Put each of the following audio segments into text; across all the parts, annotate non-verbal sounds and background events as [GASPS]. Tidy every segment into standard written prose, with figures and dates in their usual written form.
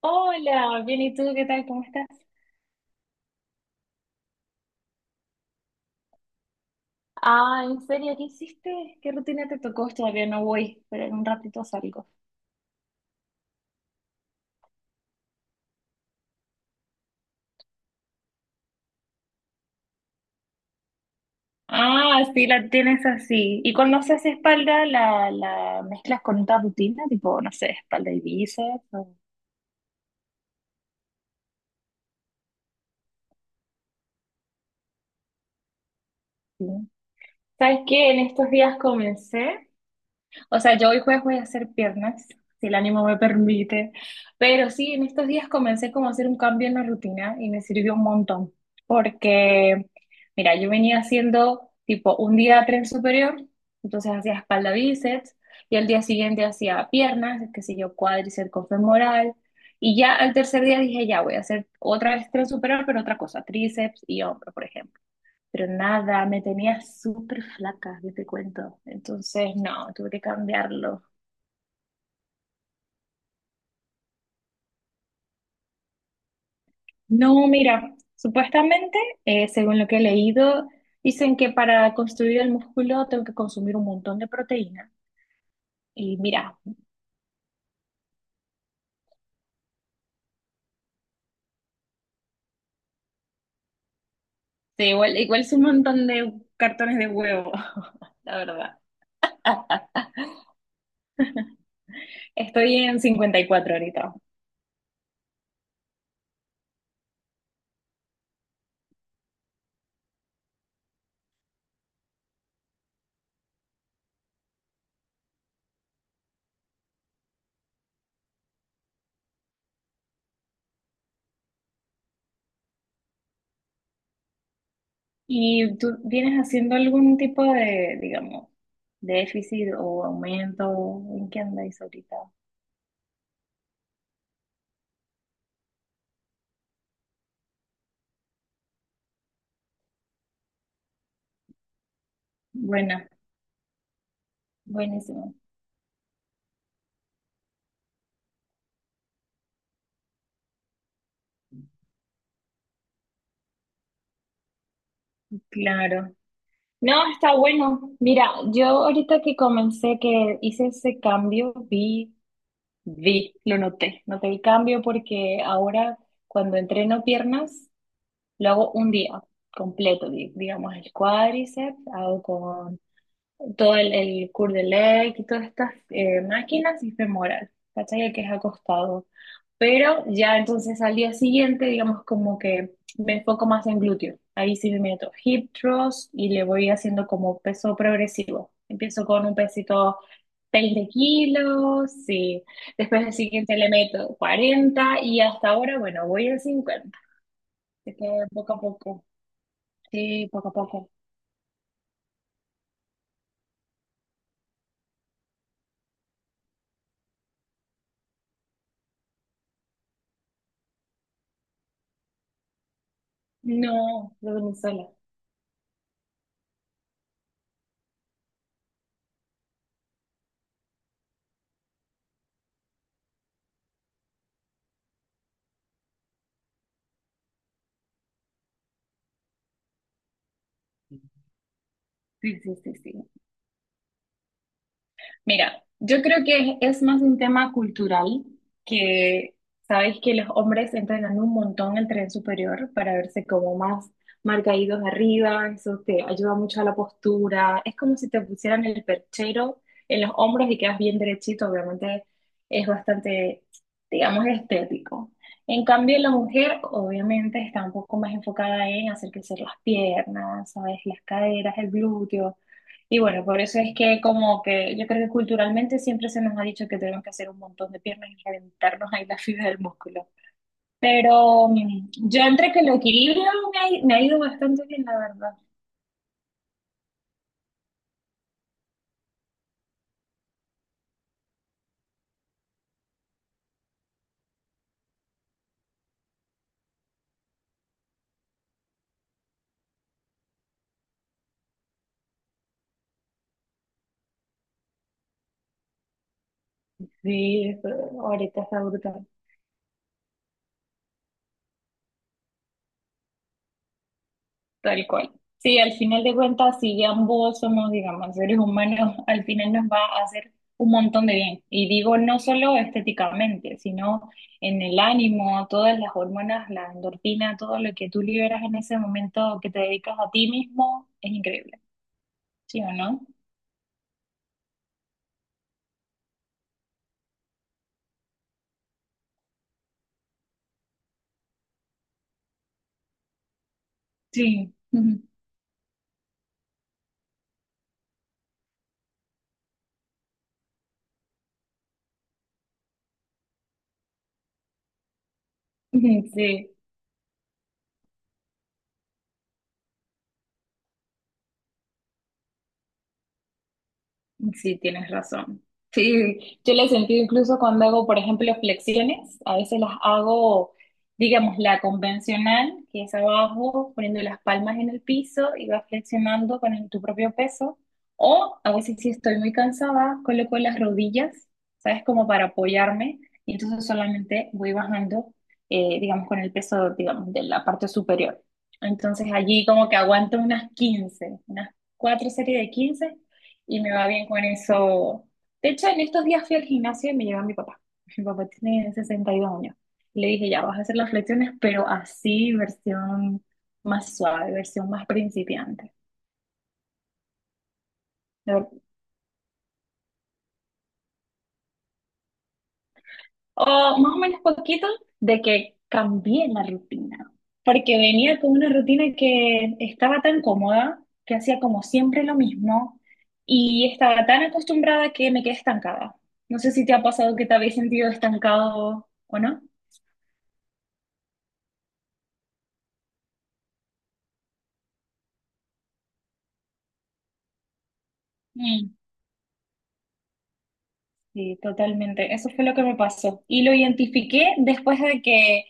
Hola, bien, ¿y tú qué tal? ¿Cómo estás? Ah, ¿en serio? ¿Qué hiciste? ¿Qué rutina te tocó? Todavía no voy, pero en un ratito salgo. Ah, sí, la tienes así. ¿Y cuando haces espalda, la mezclas con otra rutina? Tipo, no sé, espalda y bíceps. Sí. ¿Sabes qué? En estos días comencé. O sea, yo hoy jueves voy a hacer piernas, si el ánimo me permite. Pero sí, en estos días comencé como a hacer un cambio en la rutina y me sirvió un montón. Porque, mira, yo venía haciendo tipo un día tren superior, entonces hacía espalda bíceps, y al día siguiente hacía piernas, qué sé yo, cuádriceps con femoral. Y ya al tercer día dije, ya voy a hacer otra vez tren superior, pero otra cosa, tríceps y hombro, por ejemplo. Pero nada, me tenía súper flaca, yo te cuento. Entonces, no, tuve que cambiarlo. No, mira, supuestamente, según lo que he leído, dicen que para construir el músculo tengo que consumir un montón de proteína. Y mira, sí, igual es un montón de cartones de huevo, [LAUGHS] la verdad. Estoy en 54 ahorita. ¿Y tú vienes haciendo algún tipo de, digamos, déficit o aumento? ¿En qué andáis ahorita? Buena, buenísimo. Claro. No, está bueno. Mira, yo ahorita que comencé, que hice ese cambio, vi, lo noté el cambio porque ahora cuando entreno piernas lo hago un día completo, digamos el cuádriceps, hago con todo el Cours de Lec y todas estas máquinas y femoral, ¿cachai? El que es acostado. Pero ya entonces al día siguiente, digamos como que me enfoco más en glúteo. Ahí sí me meto hip thrust y le voy haciendo como peso progresivo. Empiezo con un pesito 20 kilos y después el siguiente le meto 40 y hasta ahora, bueno, voy a 50. Así que poco a poco, sí, poco a poco. No, lo de Venezuela. Sí, sí, sí, sí. Mira, yo creo que es, más un tema cultural que sabes que los hombres entrenan un montón el tren superior para verse como más marcaídos arriba, eso te ayuda mucho a la postura, es como si te pusieran el perchero en los hombros y quedas bien derechito, obviamente es bastante, digamos, estético. En cambio, la mujer obviamente está un poco más enfocada en hacer crecer las piernas, sabes, las caderas, el glúteo. Y bueno, por eso es que como que yo creo que culturalmente siempre se nos ha dicho que tenemos que hacer un montón de piernas y reventarnos ahí la fibra del músculo. Pero yo entre que lo equilibrio me ha ido bastante bien, la verdad. Sí, eso ahorita está brutal. Tal cual. Sí, al final de cuentas, si ambos somos, digamos, seres humanos, al final nos va a hacer un montón de bien. Y digo, no solo estéticamente, sino en el ánimo, todas las hormonas, la endorfina, todo lo que tú liberas en ese momento que te dedicas a ti mismo, es increíble. ¿Sí o no? Sí. [LAUGHS] Sí. Sí, tienes razón. Sí, yo la he sentido incluso cuando hago, por ejemplo, flexiones. A veces las hago, digamos, la convencional, que es abajo, poniendo las palmas en el piso y vas flexionando con tu propio peso. O a veces si estoy muy cansada, coloco las rodillas, ¿sabes? Como para apoyarme. Y entonces solamente voy bajando, digamos, con el peso, digamos, de la parte superior. Entonces allí como que aguanto unas 15, unas cuatro series de 15 y me va bien con eso. De hecho, en estos días fui al gimnasio y me llevó a mi papá. Mi papá tiene 62 años. Y le dije, ya vas a hacer las flexiones, pero así, versión más suave, versión más principiante. De ver- O más o menos poquito de que cambié la rutina. Porque venía con una rutina que estaba tan cómoda, que hacía como siempre lo mismo, y estaba tan acostumbrada que me quedé estancada. No sé si te ha pasado que te habéis sentido estancado o no. Mm. Sí, totalmente. Eso fue lo que me pasó. Y lo identifiqué después de que,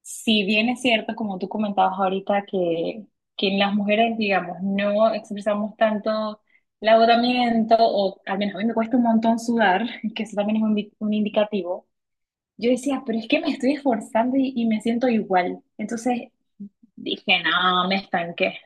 si bien es cierto, como tú comentabas ahorita, que en las mujeres, digamos, no expresamos tanto el agotamiento, o al menos a mí me cuesta un montón sudar, [LAUGHS] que eso también es un, un indicativo. Yo decía, pero es que me estoy esforzando y me siento igual. Entonces dije, no, me estanqué.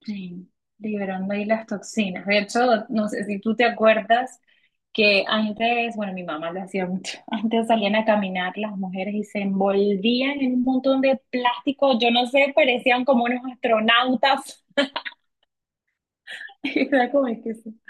Sí, liberando ahí las toxinas. De hecho, no sé si tú te acuerdas que antes, bueno, mi mamá lo hacía mucho, [LAUGHS] antes salían a caminar las mujeres y se envolvían en un montón de plástico, yo no sé, parecían como unos astronautas. [LAUGHS] Era como que sí.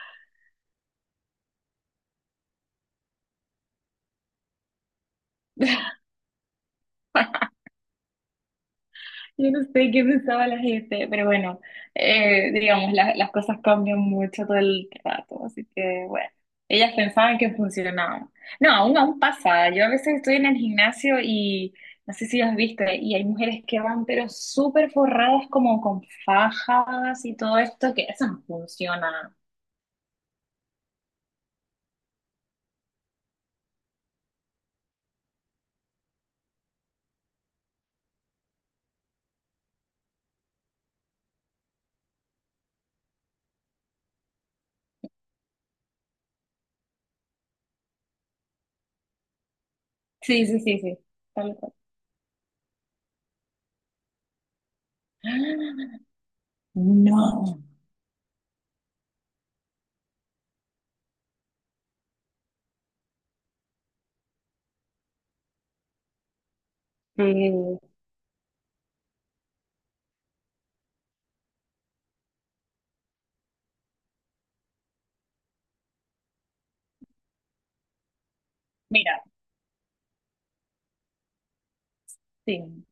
Yo no sé qué pensaba la gente, pero bueno, digamos, las cosas cambian mucho todo el rato, así que bueno, ellas pensaban que funcionaba. No, aún pasa, yo a veces estoy en el gimnasio y no sé si has visto, y hay mujeres que van pero súper forradas como con fajas y todo esto, que eso no funciona. Sí, sí, sí, sí, tal cual. [GASPS] No. Sí. Mira, sí.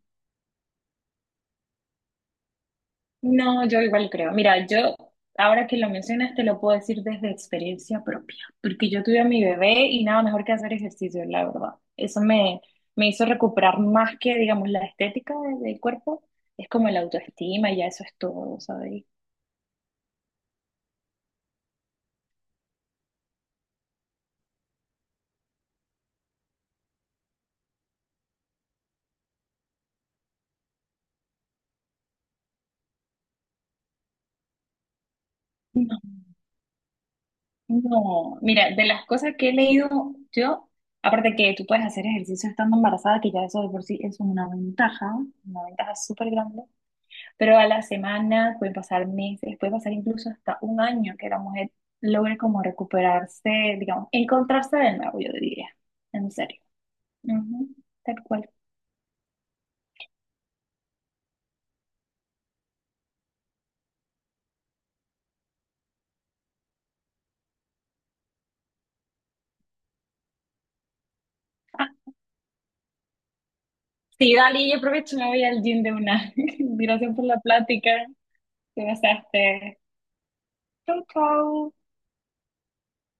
No, yo igual creo. Mira, yo ahora que lo mencionas te lo puedo decir desde experiencia propia, porque yo tuve a mi bebé y nada mejor que hacer ejercicio, la verdad. Eso me, me hizo recuperar más que, digamos, la estética del cuerpo, es como la autoestima y ya eso es todo, ¿sabes? No, no. Mira, de las cosas que he leído yo, aparte que tú puedes hacer ejercicio estando embarazada, que ya eso de por sí es una ventaja súper grande. Pero a la semana pueden pasar meses, puede pasar incluso hasta un año que la mujer logre como recuperarse, digamos, encontrarse de nuevo, yo diría, en serio. Ujú, tal cual. Ah, sí, dali, yo aprovecho y me voy al gym de una. [LAUGHS] Gracias por la plática. Te besaste. Chau, chau.